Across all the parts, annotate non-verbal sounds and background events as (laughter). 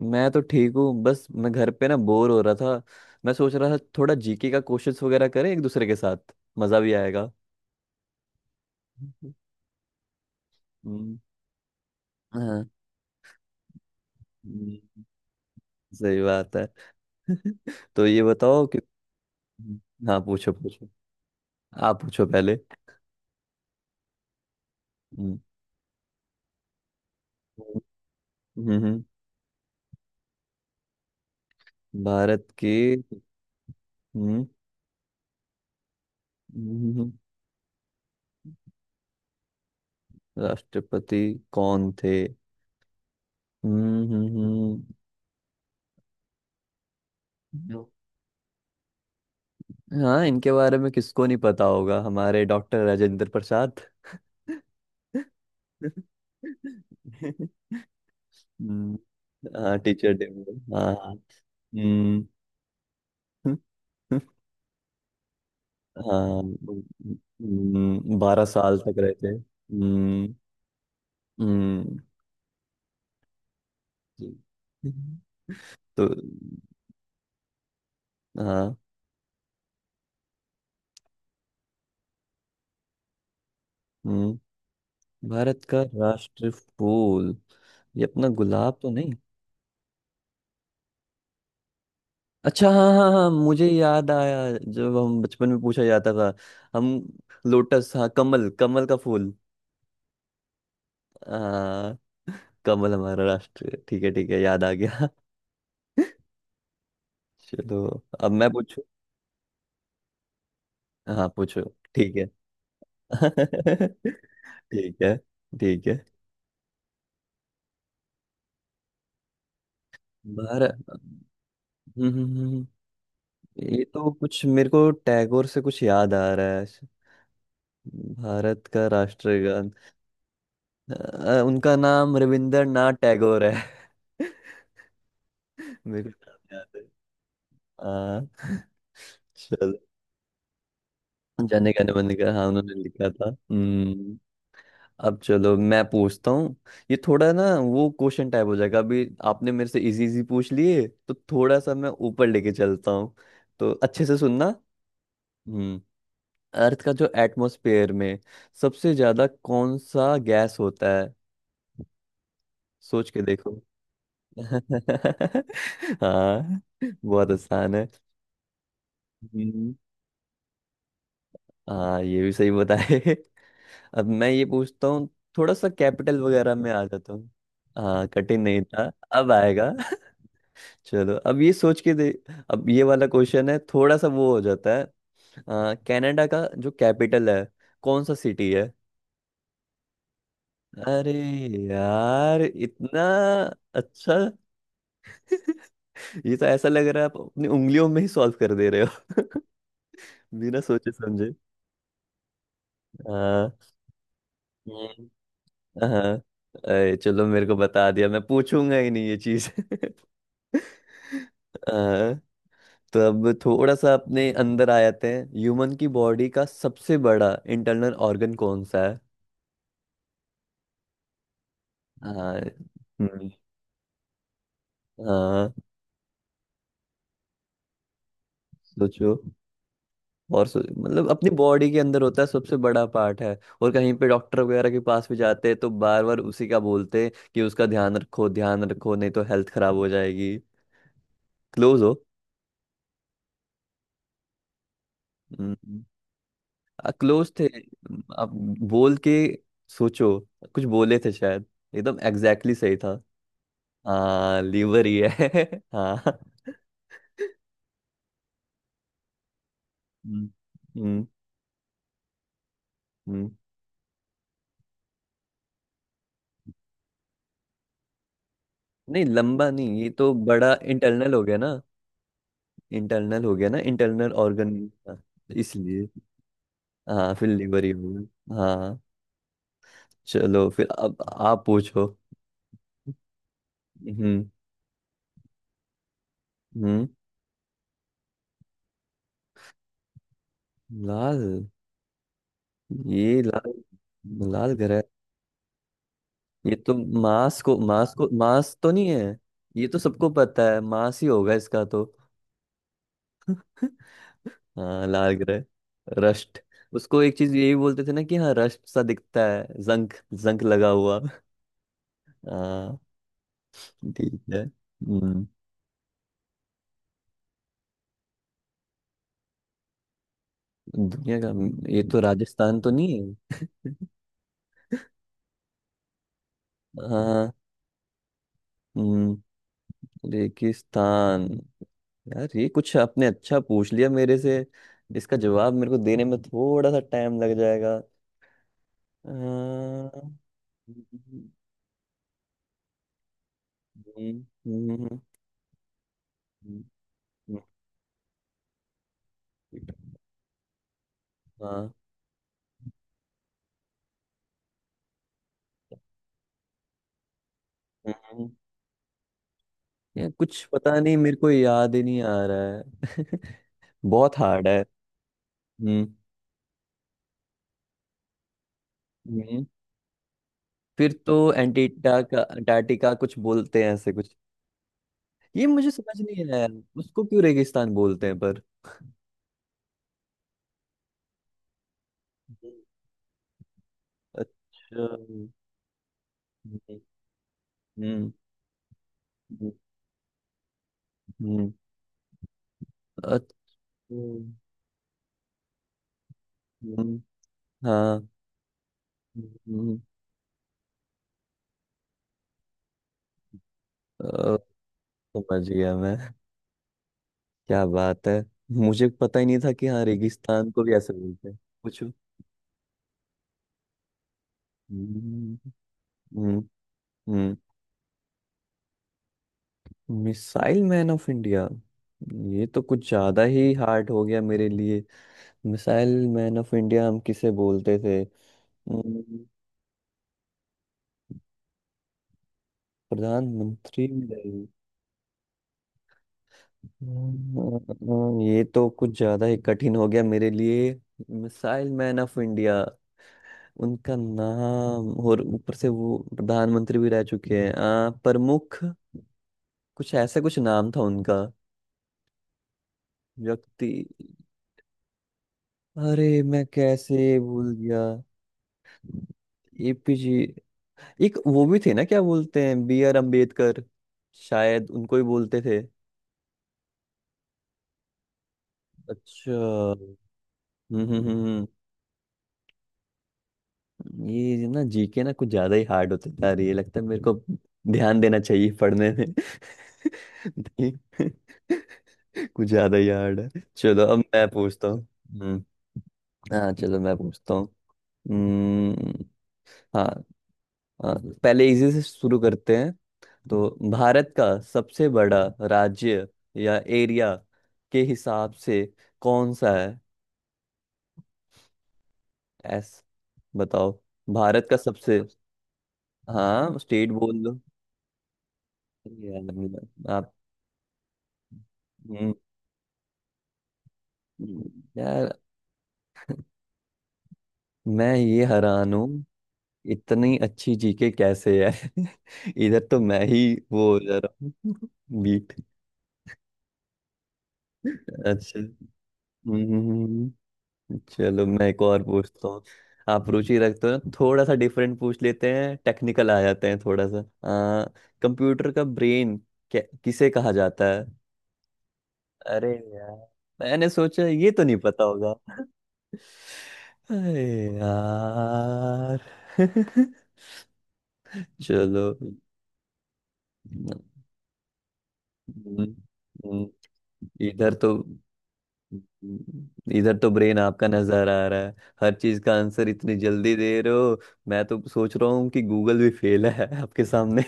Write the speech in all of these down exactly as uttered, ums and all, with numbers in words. मैं तो ठीक हूँ, बस मैं घर पे ना बोर हो रहा था। मैं सोच रहा था थोड़ा जीके का क्वेश्चंस वगैरह करें एक दूसरे के साथ। मजा भी आएगा। (laughs) हम्म। हाँ। हम्म। सही बात है। (laughs) तो ये बताओ कि हाँ पूछो पूछो। आप पूछो पहले। हम्म। हम्म। हम्म। हम्म। भारत के। हम्म। हम्म। हम्म। हम्म। राष्ट्रपति कौन थे। हम्म। हम्म। हम्म। हाँ, इनके बारे में किसको नहीं पता होगा, हमारे डॉक्टर राजेंद्र प्रसाद। (laughs) हम्म। हाँ, टीचर डे में। हाँ हाँ। हम्म। हाँ। हम्म, बारह साल तक रहे थे। हम्म। हम्म। तो हाँ। हम्म। भारत का राष्ट्र फूल। ये अपना गुलाब तो नहीं। अच्छा हाँ हाँ हाँ, मुझे याद आया। जब हम बचपन में पूछा जाता था। हम लोटस, हाँ, कमल, कमल का फूल। हाँ, कमल हमारा राष्ट्र है। ठीक है ठीक है, याद आ गया। चलो अब मैं पूछू। हाँ पूछो। ठीक है। (laughs) ठीक है। ठीक है। भारत, हम्म। हम्म। हम्म। हम्म। ये तो कुछ मेरे को टैगोर से कुछ याद आ रहा है। भारत का राष्ट्रगान। अ, उनका नाम रविंद्रनाथ टैगोर है। (laughs) मेरे को नाम याद है। हाँ। चलो, जाने गाने बने का, हाँ उन्होंने लिखा था। हम्म। अब चलो मैं पूछता हूँ। ये थोड़ा ना वो क्वेश्चन टाइप हो जाएगा। अभी आपने मेरे से इजी इजी पूछ लिए तो थोड़ा सा मैं ऊपर लेके चलता हूँ। तो अच्छे से सुनना। हम्म। अर्थ का जो एटमॉस्फेयर में सबसे ज्यादा कौन सा गैस होता है। सोच के देखो। (laughs) हाँ, बहुत आसान है। हम्म। हाँ, ये भी सही बताए। (laughs) अब मैं ये पूछता हूँ। थोड़ा सा कैपिटल वगैरह में आ जाता हूँ। हाँ, कठिन नहीं था। अब आएगा। (laughs) चलो अब ये सोच के दे। अब ये वाला क्वेश्चन है, थोड़ा सा वो हो जाता है। आ, कनाडा का जो कैपिटल है, कौन सा सिटी है। अरे यार, इतना। अच्छा। (laughs) ये तो ऐसा लग रहा है आप अपनी उंगलियों में ही सॉल्व कर दे रहे हो। (laughs) बिना सोचे समझे। हाँ। हम्म। हाँ। अरे चलो मेरे को बता दिया, मैं पूछूंगा ही नहीं ये चीज। (laughs) हाँ। तो अब थोड़ा सा अपने अंदर आ जाते हैं। ह्यूमन की बॉडी का सबसे बड़ा इंटरनल ऑर्गन कौन सा है। हाँ। हम्म। हाँ। सोचो। और सो, मतलब अपनी बॉडी के अंदर होता है, सबसे बड़ा पार्ट है, और कहीं पे डॉक्टर वगैरह के पास भी जाते हैं तो बार बार उसी का बोलते हैं कि उसका ध्यान रखो ध्यान रखो, नहीं तो हेल्थ खराब हो जाएगी। क्लोज हो। क्लोज थे। अब बोल के सोचो, कुछ बोले थे शायद, एकदम एग्जैक्टली सही था। हाँ, लीवर ही है। (laughs) हाँ। हम्म। हम्म। हम्म। नहीं, लंबा नहीं, ये तो बड़ा इंटरनल हो गया ना। इंटरनल हो गया ना, इंटरनल ऑर्गन, इसलिए। हाँ, फिर लीवर ही होगा हाँ। चलो फिर अब आप पूछो। हम्म। हम्म। लाल। ये लाल। लाल ग्रह। ये तो मांस को मांस को मांस तो नहीं है। ये तो सबको पता है, मांस ही होगा इसका तो। हाँ, लाल ग्रह। रस्ट। उसको एक चीज यही बोलते थे ना कि हाँ रस्ट सा दिखता है, जंक जंक लगा हुआ। हाँ। ठीक है। हम्म। दुनिया का। ये तो राजस्थान तो नहीं है। हाँ। हम्म। रेगिस्तान। यार ये कुछ आपने अच्छा पूछ लिया मेरे से। इसका जवाब मेरे को देने में थोड़ा सा टाइम लग जाएगा। अ, हम्म। हम्म। हम्म। हम्म। हाँ, यार कुछ पता नहीं, मेरे को याद ही नहीं आ रहा है। (laughs) बहुत हार्ड है। हम्म। हम्म। फिर तो एंटीटा का अंटार्कटिका कुछ बोलते हैं ऐसे कुछ। ये मुझे समझ नहीं आया यार। उसको क्यों रेगिस्तान बोलते हैं पर। हम्म। अच्छा। हम्म। हम्म। हम्म। अच्छा। हम्म। हाँ। हम्म। अ, समझ गया मैं। क्या बात है, मुझे पता ही नहीं था कि हाँ रेगिस्तान को भी ऐसे बोलते हैं। पूछो। हम्म। हम्म। हम्म। Missile man of India. ये तो कुछ ज्यादा ही हार्ड हो गया मेरे लिए। मिसाइल मैन ऑफ इंडिया हम किसे बोलते थे। हम्म। प्रधानमंत्री नहीं। हम्म। ये तो कुछ ज्यादा ही कठिन हो गया मेरे लिए। मिसाइल मैन ऑफ इंडिया, उनका नाम, और ऊपर से वो प्रधानमंत्री भी रह चुके हैं। आ, प्रमुख, कुछ ऐसा कुछ नाम था उनका, व्यक्ति। अरे मैं कैसे भूल गया। एपीजे। एक वो भी थे ना, क्या बोलते हैं, बी आर अम्बेडकर, शायद उनको ही बोलते थे। अच्छा। हम्म। हम्म। हम्म। हम्म। ये ना जीके ना कुछ ज्यादा ही हार्ड होता जा रही है लगता है, मेरे को ध्यान देना चाहिए पढ़ने में। (laughs) नहीं। (laughs) कुछ ज्यादा ही हार्ड है। चलो अब मैं पूछता हूँ। हम्म। हाँ चलो मैं पूछता हूँ। हम्म। हाँ। अ, पहले इजी से शुरू करते हैं। तो भारत का सबसे बड़ा राज्य या एरिया के हिसाब से कौन सा है, एस, बताओ। भारत का सबसे, हाँ स्टेट बोल दो। अरे यार, मैं- आप। हम्म। हम्म, यार। मैं ये हैरान हूँ, इतनी अच्छी जीके कैसे है। (laughs) इधर तो मैं ही वो हो जा रहा हूँ। (laughs) बीट। अच्छा। हम्म। हम्म। हम्म। चलो मैं एक और पूछता हूँ। आप रुचि रखते हो ना, थोड़ा सा डिफरेंट पूछ लेते हैं, टेक्निकल आ जाते हैं थोड़ा सा। आ, कंप्यूटर का ब्रेन क्या किसे कहा जाता है। अरे यार, मैंने सोचा ये तो नहीं पता होगा। (laughs) अरे यार। (laughs) चलो। हम्म। हम्म। इधर तो, हम्म, इधर तो ब्रेन आपका नजर आ रहा है। हर चीज का आंसर इतनी जल्दी दे रहे हो। मैं तो सोच रहा हूँ कि गूगल भी फेल है। (laughs) आपके सामने।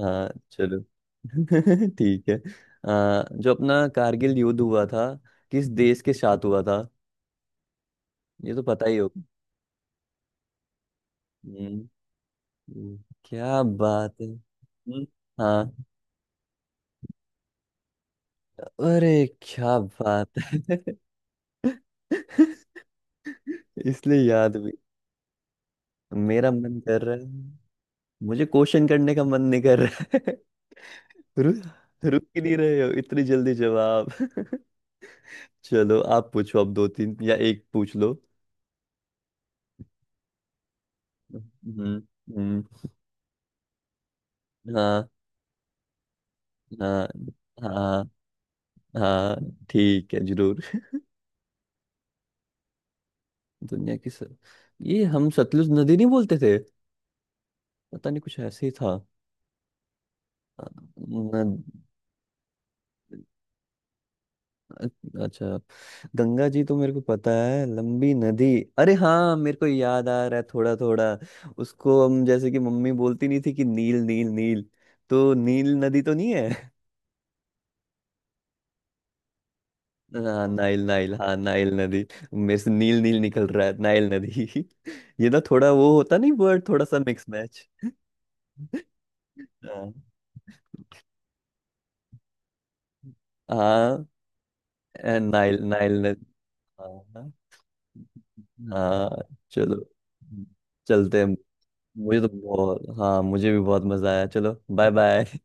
हाँ चलो। (laughs) ठीक है। आ, जो अपना कारगिल युद्ध हुआ था किस देश के साथ हुआ था, ये तो पता ही होगा। हम्म। हम्म। क्या बात है। हम्म। हाँ। अरे क्या बात है। (laughs) इसलिए याद भी। मेरा मन कर रहा है, मुझे क्वेश्चन करने का मन नहीं कर रहा है। (laughs) रुक रुक ही नहीं रहे हो, इतनी जल्दी जवाब। (laughs) चलो आप पूछो अब, दो तीन या एक पूछ लो। हम्म। हम्म। हाँ हाँ हाँ हाँ। ठीक है, जरूर। (laughs) दुनिया की सर। ये हम सतलुज नदी नहीं बोलते थे। पता नहीं, कुछ ऐसे ही था। अ, न, अ- अच्छा। गंगा जी तो मेरे को पता है लंबी नदी। अरे हाँ, मेरे को याद आ रहा है थोड़ा थोड़ा। उसको हम जैसे कि मम्मी बोलती नहीं थी कि नील नील नील, तो नील नदी तो नहीं है। हाँ नाइल नाइल, हाँ नाइल नदी। मेरे से नील नील निकल रहा है, नाइल नदी। (laughs) ये ना थोड़ा वो होता नहीं, वर्ड थोड़ा सा मिक्स मैच। (laughs) हाँ। हाँ। ए, नाइल नाइल नदी। हाँ। हाँ। चलो चलते हैं। मुझे तो बहुत, हाँ, मुझे भी बहुत मजा आया। चलो बाय बाय।